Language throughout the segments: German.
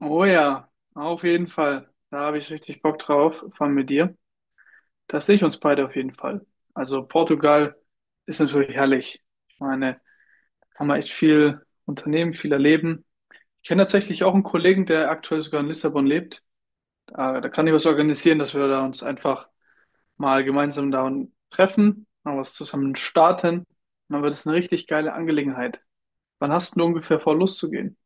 Oh ja, auf jeden Fall. Da habe ich richtig Bock drauf von mit dir. Das sehe ich uns beide auf jeden Fall. Also Portugal ist natürlich herrlich. Ich meine, kann man echt viel unternehmen, viel erleben. Ich kenne tatsächlich auch einen Kollegen, der aktuell sogar in Lissabon lebt. Da kann ich was organisieren, dass wir da uns einfach mal gemeinsam da treffen, mal was zusammen starten. Und dann wird es eine richtig geile Angelegenheit. Wann hast du ungefähr vor, loszugehen?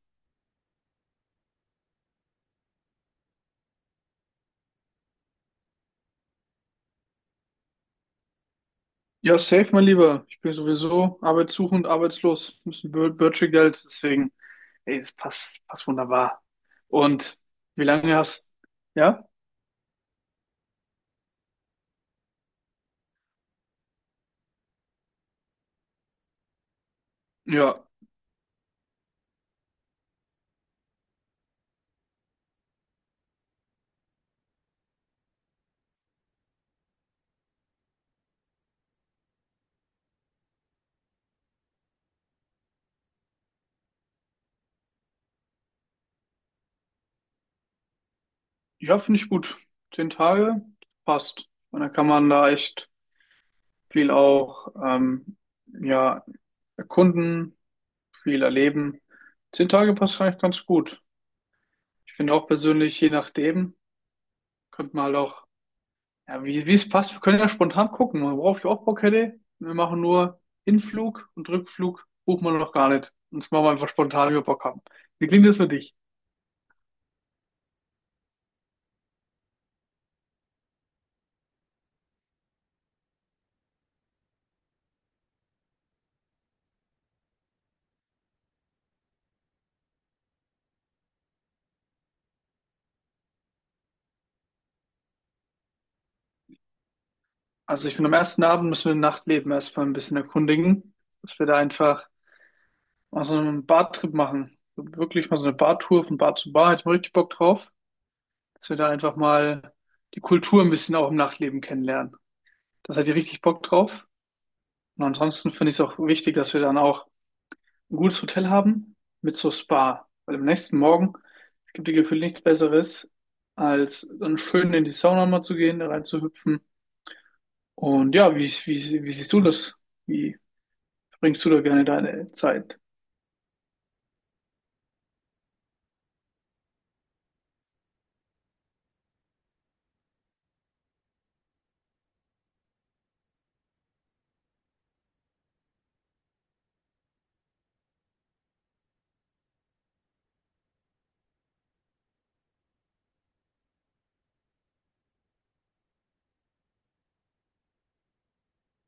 Ja, safe, mein Lieber. Ich bin sowieso arbeitssuchend, arbeitslos. Ein bisschen Bürgergeld, deswegen, ey, es passt wunderbar. Und wie lange hast, ja? Ja, ja, finde ich gut. 10 Tage, passt. Und dann kann man da echt viel auch, ja, erkunden, viel erleben. 10 Tage passt eigentlich ganz gut. Ich finde auch persönlich, je nachdem, könnte man halt auch Ja, wie es passt, wir können ja spontan gucken, worauf ich auch Bock hätte. Wir machen nur Hinflug und Rückflug, buchen wir noch gar nicht. Und das machen wir einfach spontan, wie wir Bock haben. Wie klingt das für dich? Also ich finde, am ersten Abend müssen wir Nachtleben erstmal ein bisschen erkundigen, dass wir da einfach mal so einen Bartrip machen. Wirklich mal so eine Bartour von Bar zu Bar, hätte ich mal richtig Bock drauf. Dass wir da einfach mal die Kultur ein bisschen auch im Nachtleben kennenlernen. Das hätte ich richtig Bock drauf. Und ansonsten finde ich es auch wichtig, dass wir dann auch ein gutes Hotel haben mit so Spa. Weil am nächsten Morgen, es gibt dir gefühlt nichts Besseres, als dann schön in die Sauna mal zu gehen, da reinzuhüpfen. Und ja, wie siehst du das? Wie verbringst du da gerne deine Zeit?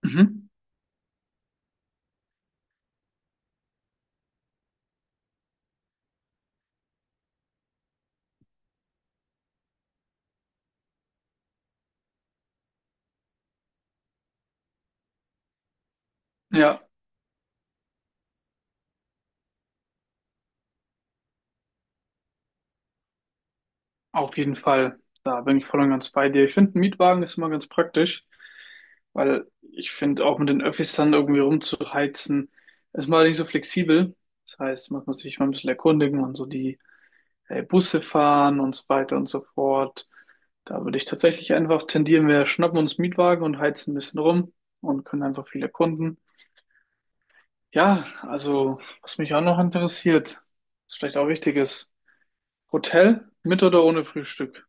Mhm. Ja, auf jeden Fall. Da bin ich voll und ganz bei dir. Ich finde, ein Mietwagen ist immer ganz praktisch, weil ich finde, auch mit den Öffis dann irgendwie rumzuheizen, ist mal nicht so flexibel. Das heißt, man muss sich mal ein bisschen erkundigen und so die Busse fahren und so weiter und so fort. Da würde ich tatsächlich einfach tendieren, wir schnappen uns Mietwagen und heizen ein bisschen rum und können einfach viele Kunden. Ja, also was mich auch noch interessiert, was vielleicht auch wichtig ist, Hotel mit oder ohne Frühstück?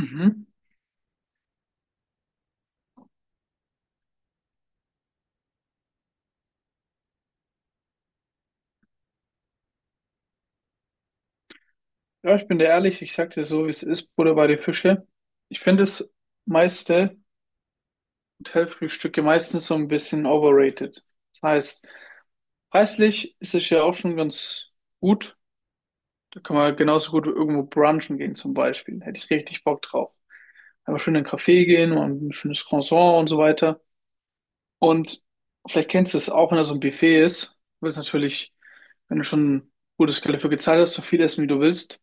Mhm. Ja, ich bin dir ehrlich, ich sag dir so, wie es ist, Butter bei die Fische. Ich finde das meiste Hotelfrühstücke meistens so ein bisschen overrated. Das heißt, preislich ist es ja auch schon ganz gut. Da kann man halt genauso gut irgendwo brunchen gehen zum Beispiel. Hätte ich richtig Bock drauf. Einfach schön in einen Café gehen und ein schönes Croissant und so weiter. Und vielleicht kennst du es auch, wenn da so ein Buffet ist. Du willst natürlich, wenn du schon ein gutes Geld dafür gezahlt hast, so viel essen, wie du willst.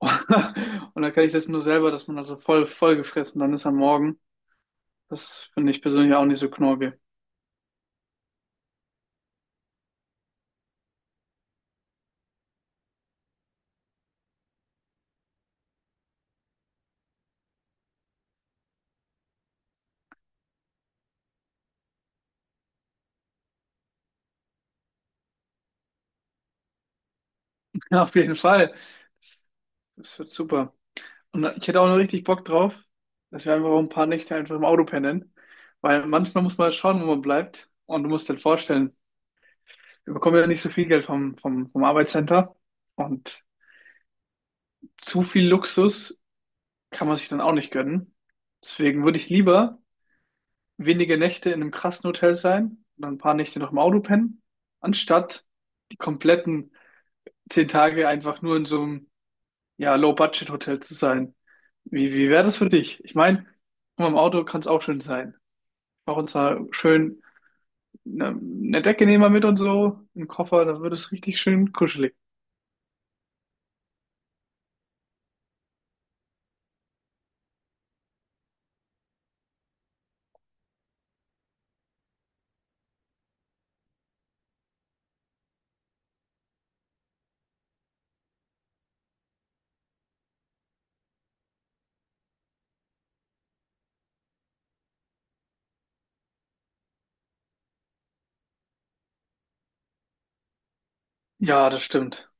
Und dann kenne ich das nur selber, dass man also voll, voll gefressen dann ist am Morgen. Das finde ich persönlich auch nicht so knorke. Auf jeden Fall. Das, das wird super. Und ich hätte auch noch richtig Bock drauf, dass wir einfach ein paar Nächte einfach im Auto pennen. Weil manchmal muss man schauen, wo man bleibt. Und du musst dir vorstellen, wir bekommen ja nicht so viel Geld vom Arbeitscenter. Und zu viel Luxus kann man sich dann auch nicht gönnen. Deswegen würde ich lieber wenige Nächte in einem krassen Hotel sein und ein paar Nächte noch im Auto pennen, anstatt die kompletten 10 Tage einfach nur in so einem ja, Low-Budget-Hotel zu sein. Wie wäre das für dich? Ich meine, im Auto kann es auch schön sein. Auch uns mal schön eine Decke nehmen wir mit und so, einen Koffer, da wird es richtig schön kuschelig. Ja, das stimmt.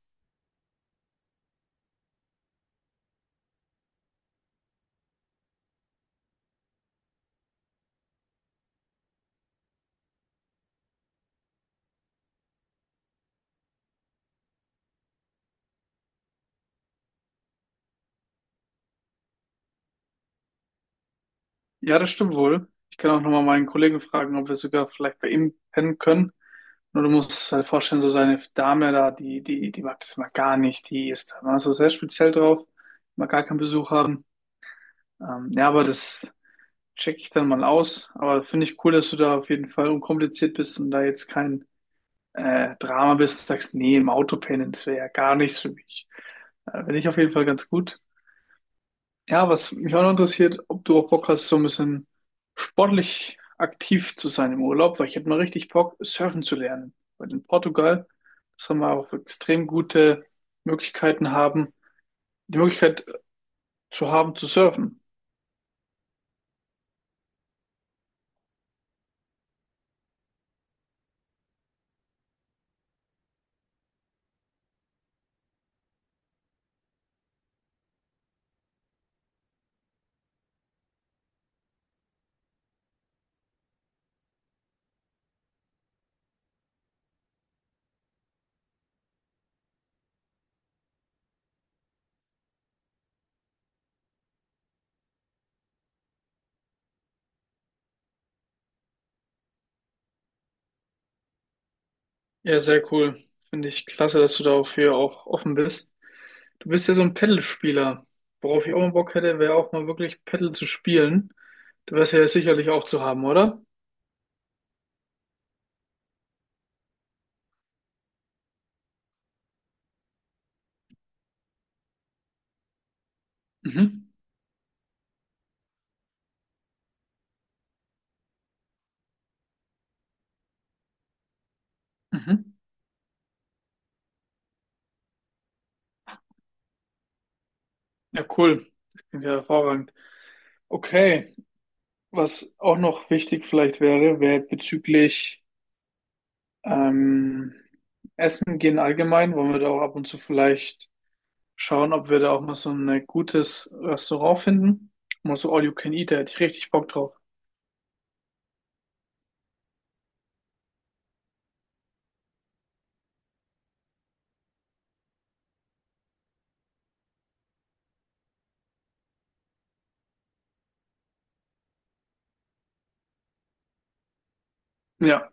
Ja, das stimmt wohl. Ich kann auch nochmal meinen Kollegen fragen, ob wir sogar vielleicht bei ihm pennen können. Nur du musst es halt vorstellen, so seine Dame da, die mag das mal gar nicht. Die ist da mal so sehr speziell drauf, mag gar keinen Besuch haben. Ja, aber das checke ich dann mal aus. Aber finde ich cool, dass du da auf jeden Fall unkompliziert bist und da jetzt kein Drama bist, sagst, nee, im Auto pennen, das wäre ja gar nichts für mich. Finde ich auf jeden Fall ganz gut. Ja, was mich auch noch interessiert, ob du auch Bock hast, so ein bisschen sportlich aktiv zu sein im Urlaub, weil ich hätte mal richtig Bock, surfen zu lernen. Weil in Portugal, das haben wir auch extrem gute Möglichkeiten haben, die Möglichkeit zu haben, zu surfen. Ja, sehr cool. Finde ich klasse, dass du dafür auch offen bist. Du bist ja so ein Paddle-Spieler. Worauf ich auch mal Bock hätte, wäre auch mal wirklich Paddle zu spielen. Du wärst ja sicherlich auch zu haben, oder? Mhm. Mhm. Ja, cool. Das klingt ja hervorragend. Okay, was auch noch wichtig vielleicht wäre, bezüglich ähm, Essen gehen allgemein, wollen wir da auch ab und zu vielleicht schauen, ob wir da auch mal so ein gutes Restaurant finden. Mal so All You Can Eat, da hätte ich richtig Bock drauf. Ja.